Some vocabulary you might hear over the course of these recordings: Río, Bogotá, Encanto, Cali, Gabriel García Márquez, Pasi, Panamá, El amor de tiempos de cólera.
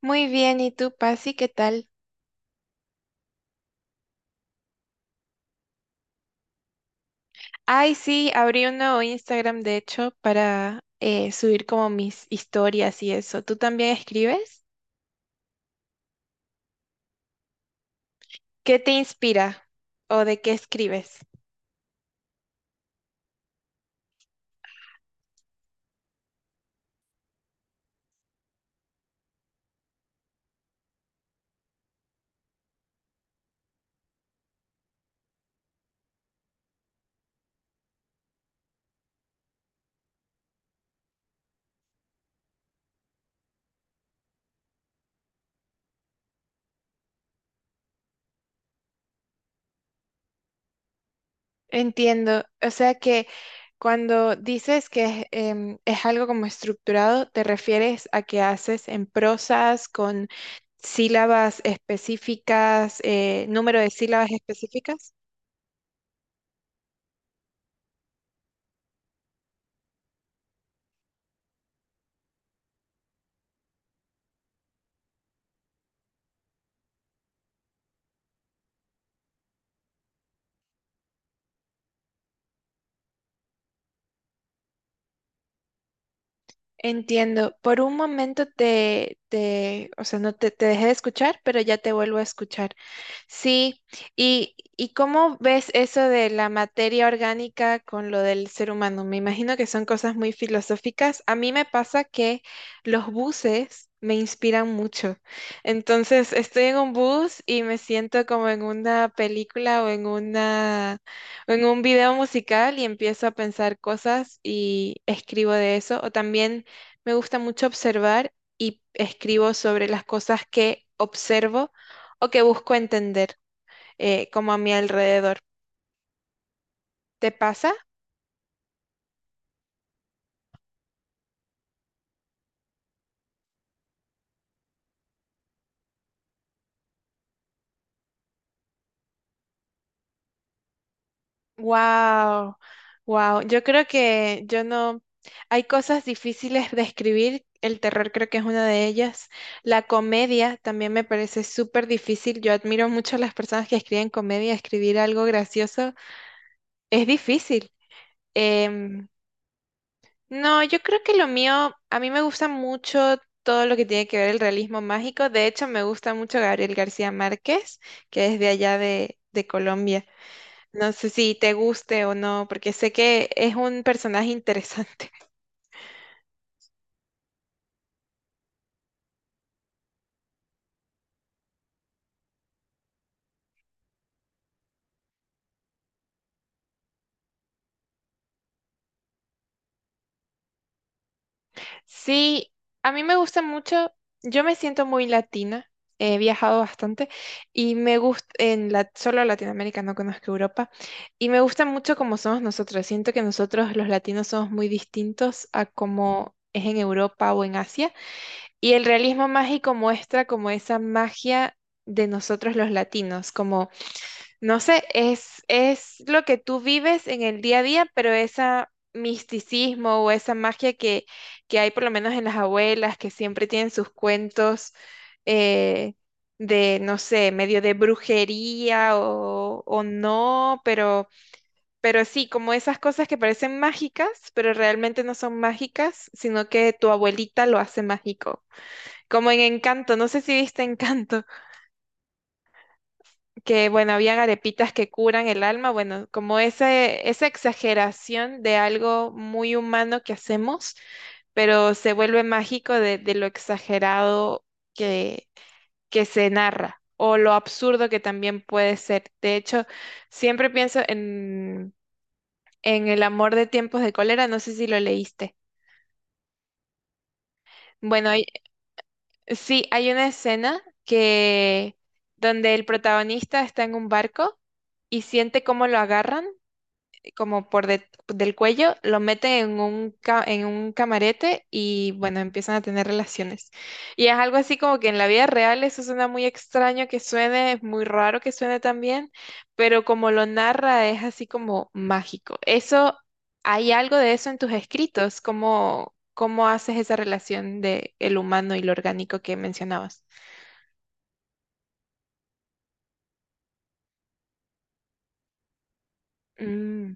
Muy bien, ¿y tú, Pasi, qué tal? Ay, sí, abrí un nuevo Instagram, de hecho, para subir como mis historias y eso. ¿Tú también escribes? ¿Qué te inspira o de qué escribes? Entiendo, o sea que cuando dices que es, es algo como estructurado, ¿te refieres a que haces en prosas con sílabas específicas, número de sílabas específicas? Entiendo. Por un momento o sea, no te, te dejé de escuchar, pero ya te vuelvo a escuchar. Sí, ¿y cómo ves eso de la materia orgánica con lo del ser humano? Me imagino que son cosas muy filosóficas. A mí me pasa que los buses me inspiran mucho. Entonces, estoy en un bus y me siento como en una película o en un video musical y empiezo a pensar cosas y escribo de eso. O también me gusta mucho observar y escribo sobre las cosas que observo o que busco entender como a mi alrededor. ¿Te pasa? Wow, wow. Yo creo que yo no... Hay cosas difíciles de escribir. El terror creo que es una de ellas. La comedia también me parece súper difícil. Yo admiro mucho a las personas que escriben comedia. Escribir algo gracioso es difícil. Em, no, yo creo que lo mío, a mí me gusta mucho todo lo que tiene que ver el realismo mágico. De hecho, me gusta mucho Gabriel García Márquez, que es de allá de Colombia. No sé si te guste o no, porque sé que es un personaje interesante. Sí, a mí me gusta mucho. Yo me siento muy latina. He viajado bastante y me gusta en la, solo Latinoamérica, no conozco Europa. Y me gusta mucho cómo somos nosotros. Siento que nosotros los latinos somos muy distintos a cómo es en Europa o en Asia. Y el realismo mágico muestra como esa magia de nosotros los latinos, como no sé, es lo que tú vives en el día a día, pero ese misticismo o esa magia que hay por lo menos en las abuelas, que siempre tienen sus cuentos eh, de, no sé, medio de brujería o no, pero sí, como esas cosas que parecen mágicas, pero realmente no son mágicas, sino que tu abuelita lo hace mágico. Como en Encanto, no sé si viste Encanto, que bueno, habían arepitas que curan el alma, bueno, como ese, esa exageración de algo muy humano que hacemos, pero se vuelve mágico de lo exagerado que, que se narra o lo absurdo que también puede ser. De hecho, siempre pienso en El amor de tiempos de cólera, no sé si lo leíste. Bueno, sí, hay una escena que donde el protagonista está en un barco y siente cómo lo agarran como por del cuello, lo meten en un, en un camarete y bueno, empiezan a tener relaciones. Y es algo así como que en la vida real eso suena muy extraño que suene, es muy raro que suene también, pero como lo narra es así como mágico. Eso, ¿hay algo de eso en tus escritos? ¿Cómo, cómo haces esa relación de el humano y lo orgánico que mencionabas? Mm.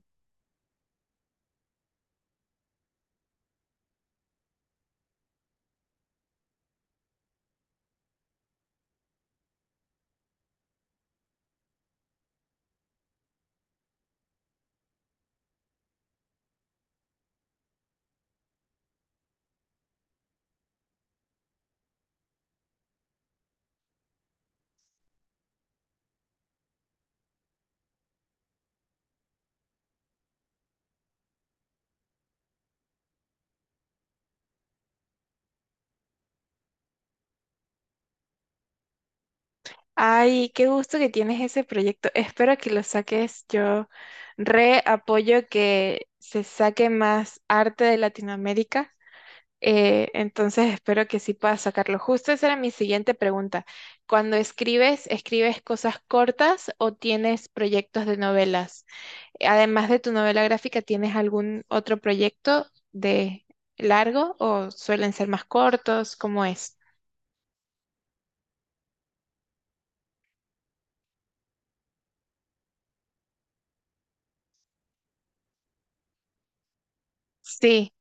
Ay, qué gusto que tienes ese proyecto. Espero que lo saques. Yo re apoyo que se saque más arte de Latinoamérica. Entonces espero que sí puedas sacarlo. Justo esa era mi siguiente pregunta. Cuando escribes, ¿escribes cosas cortas o tienes proyectos de novelas? Además de tu novela gráfica, ¿tienes algún otro proyecto de largo o suelen ser más cortos? ¿Cómo es? Sí,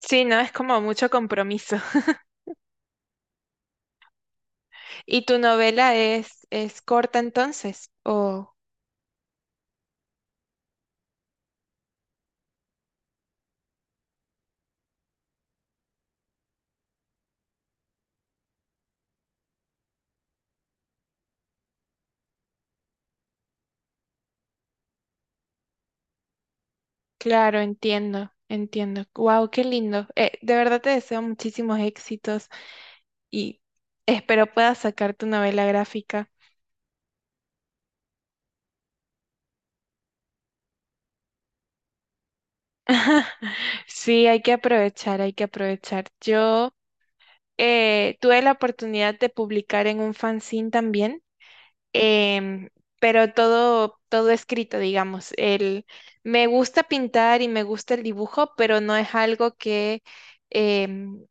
sí, no es como mucho compromiso. ¿Y tu novela es corta entonces? Oh, claro, entiendo, entiendo. Wow, qué lindo. De verdad te deseo muchísimos éxitos y espero puedas sacar tu novela gráfica. Sí, hay que aprovechar, hay que aprovechar. Yo tuve la oportunidad de publicar en un fanzine también, em, pero todo, todo escrito, digamos. El, me gusta pintar y me gusta el dibujo, pero no es algo que em,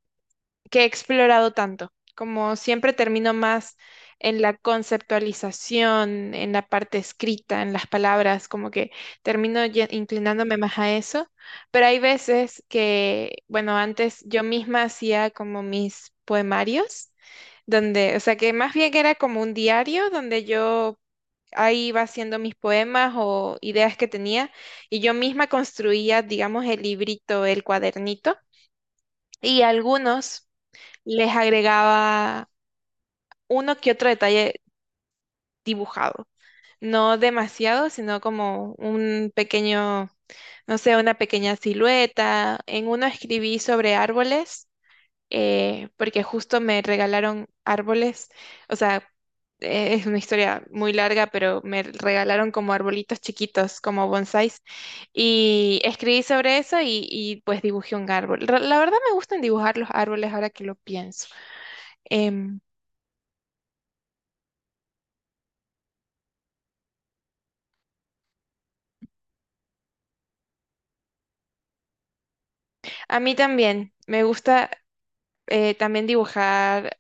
que he explorado tanto. Como siempre termino más en la conceptualización, en la parte escrita, en las palabras, como que termino inclinándome más a eso. Pero hay veces que, bueno, antes yo misma hacía como mis poemarios, donde, o sea, que más bien era como un diario donde yo ahí iba haciendo mis poemas o ideas que tenía y yo misma construía, digamos, el librito, el cuadernito y algunos les agregaba uno que otro detalle dibujado. No demasiado, sino como un pequeño, no sé, una pequeña silueta. En uno escribí sobre árboles, porque justo me regalaron árboles. O sea, es una historia muy larga, pero me regalaron como arbolitos chiquitos, como bonsáis. Y escribí sobre eso y, pues dibujé un árbol. La verdad me gustan dibujar los árboles ahora que lo pienso. Em, a mí también. Me gusta también dibujar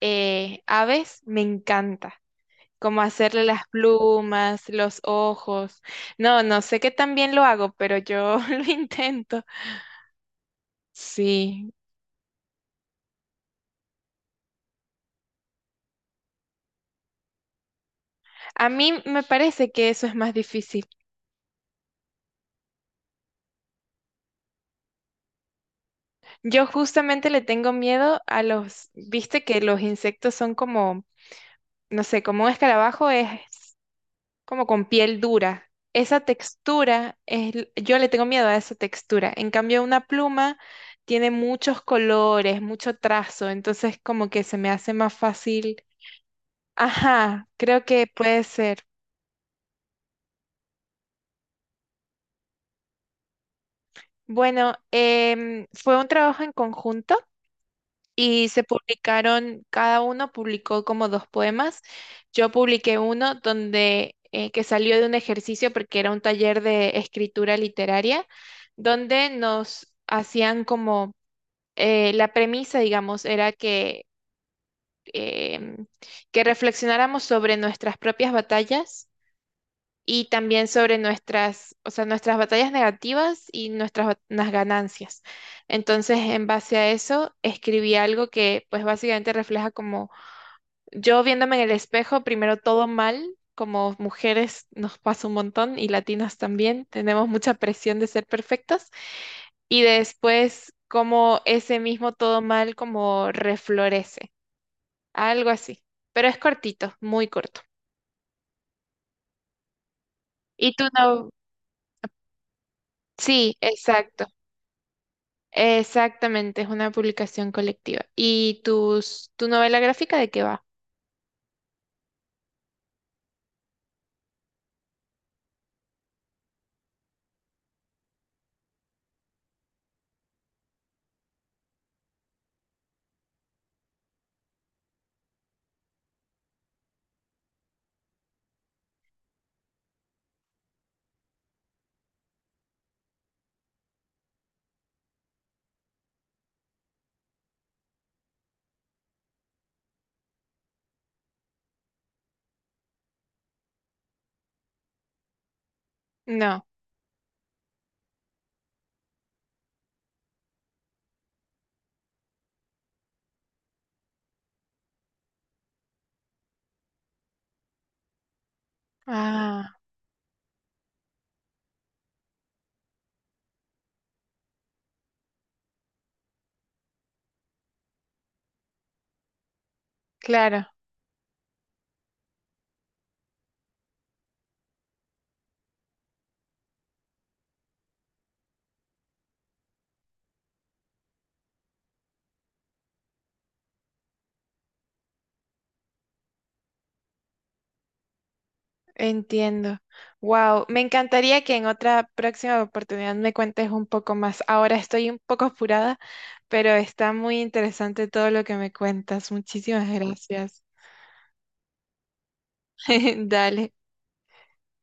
aves. Me encanta. Como hacerle las plumas, los ojos. No, no sé que también lo hago, pero yo lo intento. Sí. A mí me parece que eso es más difícil. Yo justamente le tengo miedo a los, viste que los insectos son como, no sé, como un escarabajo es como con piel dura. Esa textura, yo le tengo miedo a esa textura. En cambio, una pluma tiene muchos colores, mucho trazo, entonces como que se me hace más fácil. Ajá, creo que puede ser. Bueno, fue un trabajo en conjunto. Y se publicaron, cada uno publicó como dos poemas. Yo publiqué uno donde que salió de un ejercicio porque era un taller de escritura literaria, donde nos hacían como la premisa, digamos, era que, em, que reflexionáramos sobre nuestras propias batallas y también sobre nuestras, o sea, nuestras batallas negativas y nuestras ganancias. Entonces, en base a eso, escribí algo que pues básicamente refleja como yo viéndome en el espejo, primero todo mal, como mujeres nos pasa un montón y latinas también, tenemos mucha presión de ser perfectas y después como ese mismo todo mal como reflorece, algo así. Pero es cortito, muy corto. Y tú no, sí, exacto. Exactamente, es una publicación colectiva. ¿Y tus, tu novela gráfica de qué va? No. Ah, claro, entiendo. Wow, me encantaría que en otra próxima oportunidad me cuentes un poco más. Ahora estoy un poco apurada, pero está muy interesante todo lo que me cuentas. Muchísimas gracias. Dale.